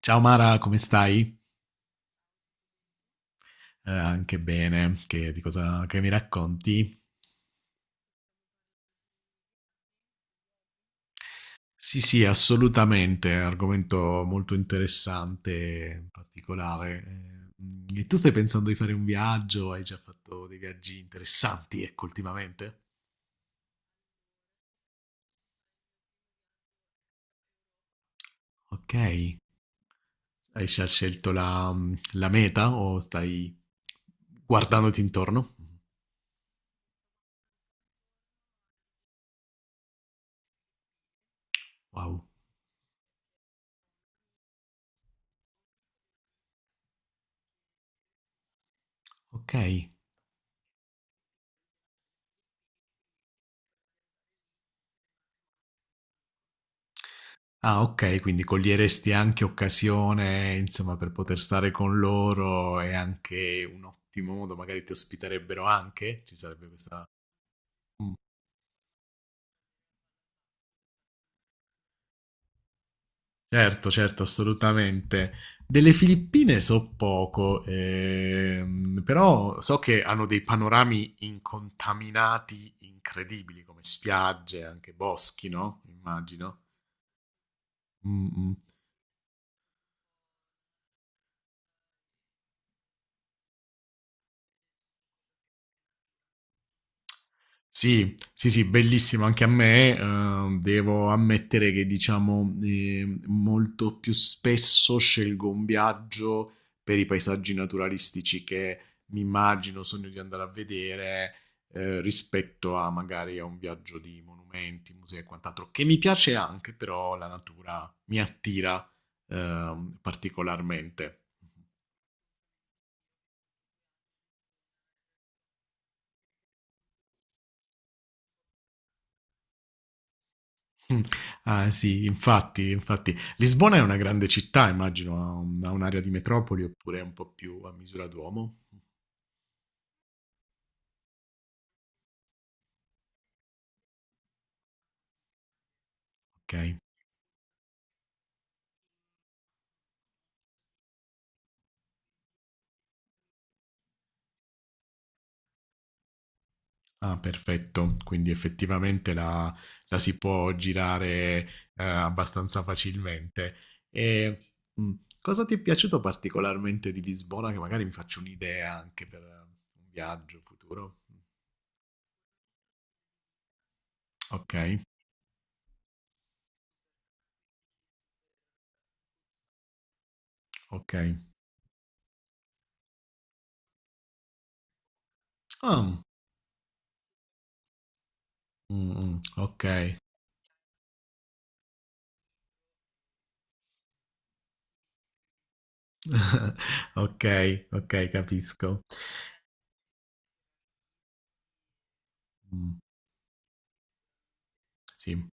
Ciao Mara, come stai? Anche bene, che, di cosa che mi racconti? Sì, sì, assolutamente, è un argomento molto interessante, particolare. E tu stai pensando di fare un viaggio? Hai già fatto dei viaggi interessanti, ecco, ultimamente? Ok, hai già scelto la meta o stai guardandoti intorno? Wow, ok. Ah, okay, quindi coglieresti anche occasione, insomma, per poter stare con loro e anche un ottimo modo magari ti ospiterebbero anche? Ci sarebbe questa. Mh, certo, certo, assolutamente. Delle Filippine so poco, però so che hanno dei panorami incontaminati incredibili, come spiagge, anche boschi, no, immagino. Mh-mh. Sì, sì, sì, bellissimo anche a me. Devo ammettere che, diciamo, molto più spesso scelgo un viaggio per i paesaggi naturalistici che mi immagino, sogno di andare a vedere, rispetto a magari a un viaggio di monumenti, musei e quant'altro, che mi piace anche, però la natura mi attira, particolarmente. Mm. Ah sì, infatti, infatti. Lisbona è una grande città, immagino, ha un'area di metropoli oppure è un po' più a misura d'uomo. Ok. Ah, perfetto. Quindi effettivamente la si può girare abbastanza facilmente. E mm, cosa ti è piaciuto particolarmente di Lisbona? Che magari mi faccio un'idea anche per un viaggio futuro. Ok, ok. Ah, mm, mm, ok, ok, ok, capisco. Mh, sì,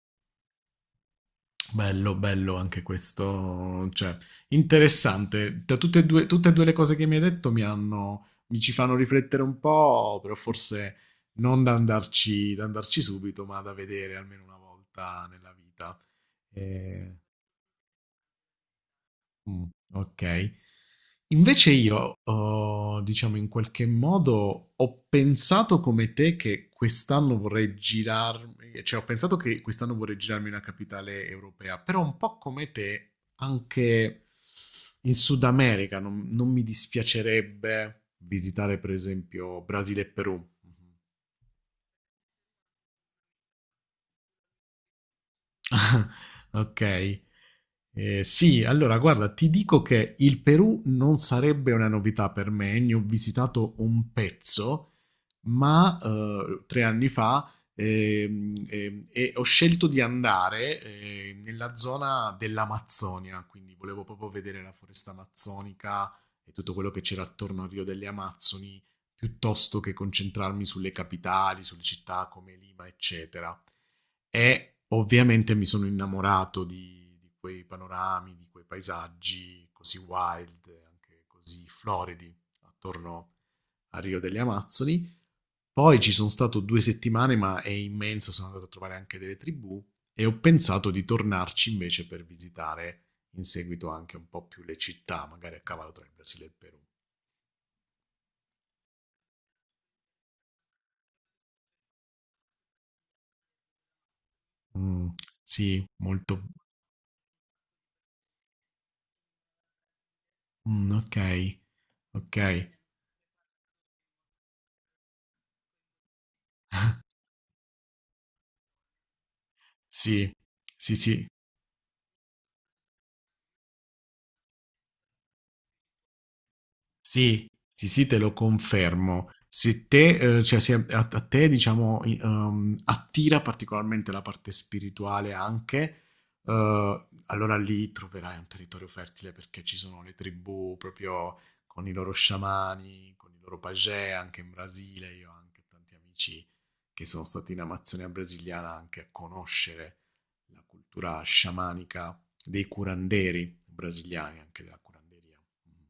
bello, bello anche questo, cioè interessante. Da tutte e 2 le cose che mi hai detto mi ci fanno riflettere un po', però forse non da andarci subito, ma da vedere almeno una volta nella vita. Ehm Mh, okay. Invece io, diciamo in qualche modo ho pensato come te che quest'anno vorrei girarmi, cioè ho pensato che quest'anno vorrei girarmi in una capitale europea, però un po' come te anche in Sud America non mi dispiacerebbe visitare per esempio Brasile e Perù. Okay. Sì, allora guarda, ti dico che il Perù non sarebbe una novità per me, eh. Ne ho visitato un pezzo, ma 3 anni fa e ho scelto di andare nella zona dell'Amazzonia, quindi volevo proprio vedere la foresta amazzonica e tutto quello che c'era attorno al Rio delle Amazzoni, piuttosto che concentrarmi sulle capitali, sulle città come Lima, eccetera. E ovviamente mi sono innamorato di quei panorami, di quei paesaggi così wild, anche così floridi attorno al Rio delle Amazzoni, poi ci sono stato 2 settimane, ma è immenso, sono andato a trovare anche delle tribù e ho pensato di tornarci invece per visitare in seguito anche un po' più le città, magari a cavallo tra il Brasile e il Perù. Mm, sì, molto. Mm, ok, ok, sì, sì, sì. Sì, sì, sì, te lo confermo. Se te, cioè, se a te, diciamo, attira particolarmente la parte spirituale anche, allora lì troverai un territorio fertile perché ci sono le tribù proprio con i loro sciamani, con i loro pagè, anche in Brasile. Io ho anche tanti amici che sono stati in Amazzonia brasiliana anche a conoscere la cultura sciamanica dei curanderi brasiliani, anche della curanderia. Mm.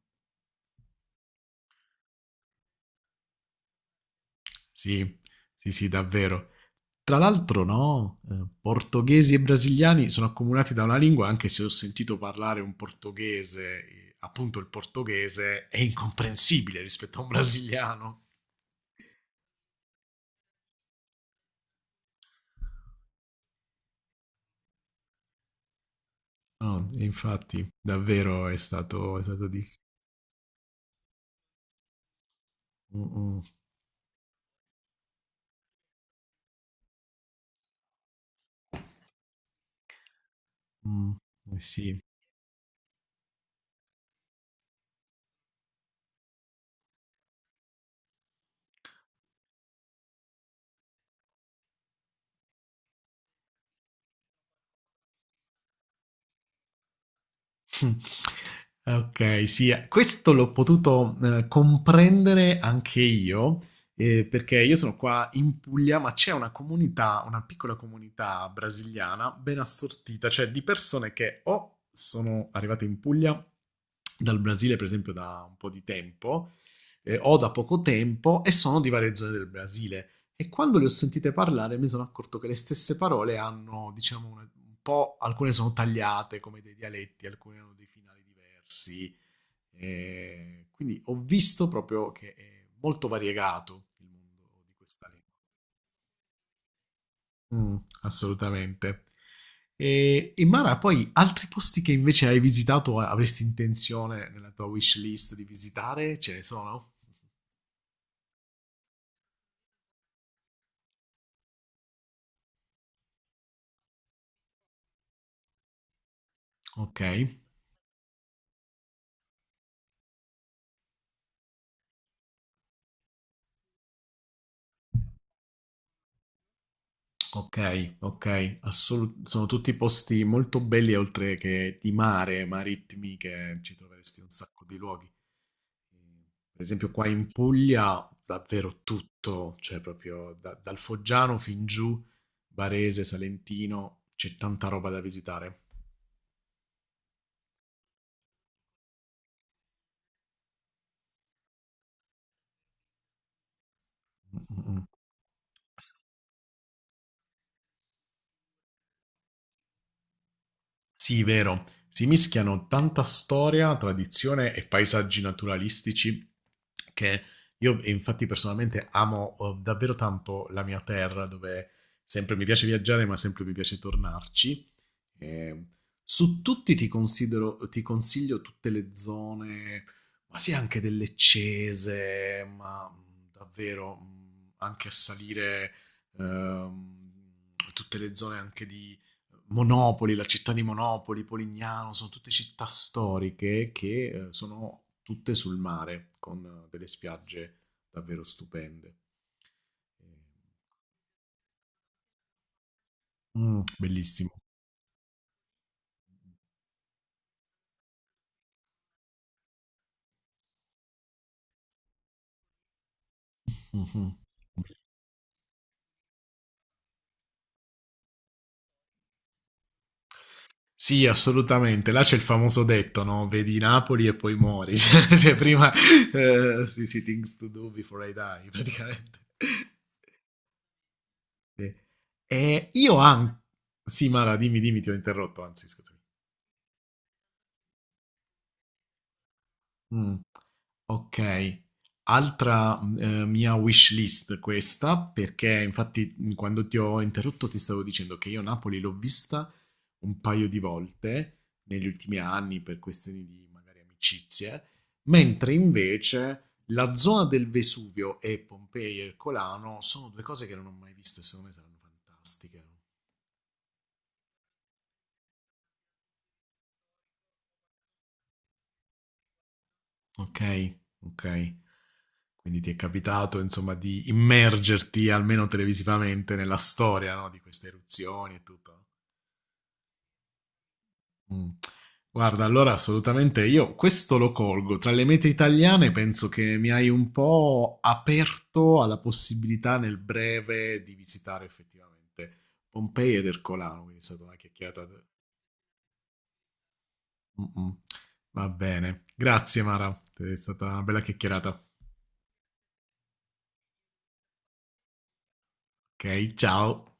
Sì, sì, sì, davvero. Tra l'altro, no, portoghesi e brasiliani sono accomunati da una lingua, anche se ho sentito parlare un portoghese, appunto il portoghese è incomprensibile rispetto a un brasiliano. No, e infatti, davvero è stato difficile. Mm, mm, mm, eh sì. Ok, sì, questo l'ho potuto comprendere anche io, perché io sono qua in Puglia, ma c'è una comunità, una piccola comunità brasiliana ben assortita, cioè di persone che o sono arrivate in Puglia dal Brasile, per esempio, da un po' di tempo, o da poco tempo, e sono di varie zone del Brasile. E quando le ho sentite parlare mi sono accorto che le stesse parole hanno, diciamo, un po', alcune sono tagliate come dei dialetti, alcune hanno dei finali diversi. E quindi ho visto proprio che è molto variegato il mondo di questa lingua. Mm, assolutamente. E Mara, poi altri posti che invece hai visitato, o avresti intenzione nella tua wish list di visitare? Ce ne sono? Ok. Ok, ok, sono tutti posti molto belli oltre che di mare, marittimi, che ci troveresti in un sacco di luoghi. Per esempio qua in Puglia davvero tutto, cioè proprio dal Foggiano fin giù, Barese, Salentino, c'è tanta roba da visitare. Mm, mm, mm. Sì, vero. Si mischiano tanta storia, tradizione e paesaggi naturalistici, che io e infatti personalmente amo davvero tanto la mia terra, dove sempre mi piace viaggiare, ma sempre mi piace tornarci. Eh, Su tutti ti consiglio tutte le zone, ma sì, anche delle Cese, ma davvero anche a salire, ehm, tutte le zone anche di Monopoli, la città di Monopoli, Polignano, sono tutte città storiche che sono tutte sul mare, con delle spiagge davvero stupende. Mm, bellissimo. Mhm. Sì, assolutamente. Là c'è il famoso detto, no? Vedi Napoli e poi muori. Cioè, prima, sì, sì, things to do before I die, praticamente. Sì. E io anche. Sì, Mara, dimmi, dimmi, ti ho interrotto, anzi, scusa. Mh, okay. Altra mia wish list questa, perché infatti, quando ti ho interrotto ti stavo dicendo che io Napoli l'ho vista un paio di volte negli ultimi anni per questioni di magari amicizie, mentre invece la zona del Vesuvio e Pompei e il Colano sono 2 cose che non ho mai visto e secondo me saranno fantastiche. Okay, okay. Quindi ti è capitato, insomma, di immergerti almeno televisivamente nella storia, no, di queste eruzioni e tutto. Mm. Guarda, allora assolutamente io questo lo colgo. Tra le mete italiane penso che mi hai un po' aperto alla possibilità nel breve di visitare effettivamente Pompei ed Ercolano, quindi è stata una chiacchierata. Mm, mm. Va bene. Grazie Mara, è stata una bella chiacchierata. Ok, ciao.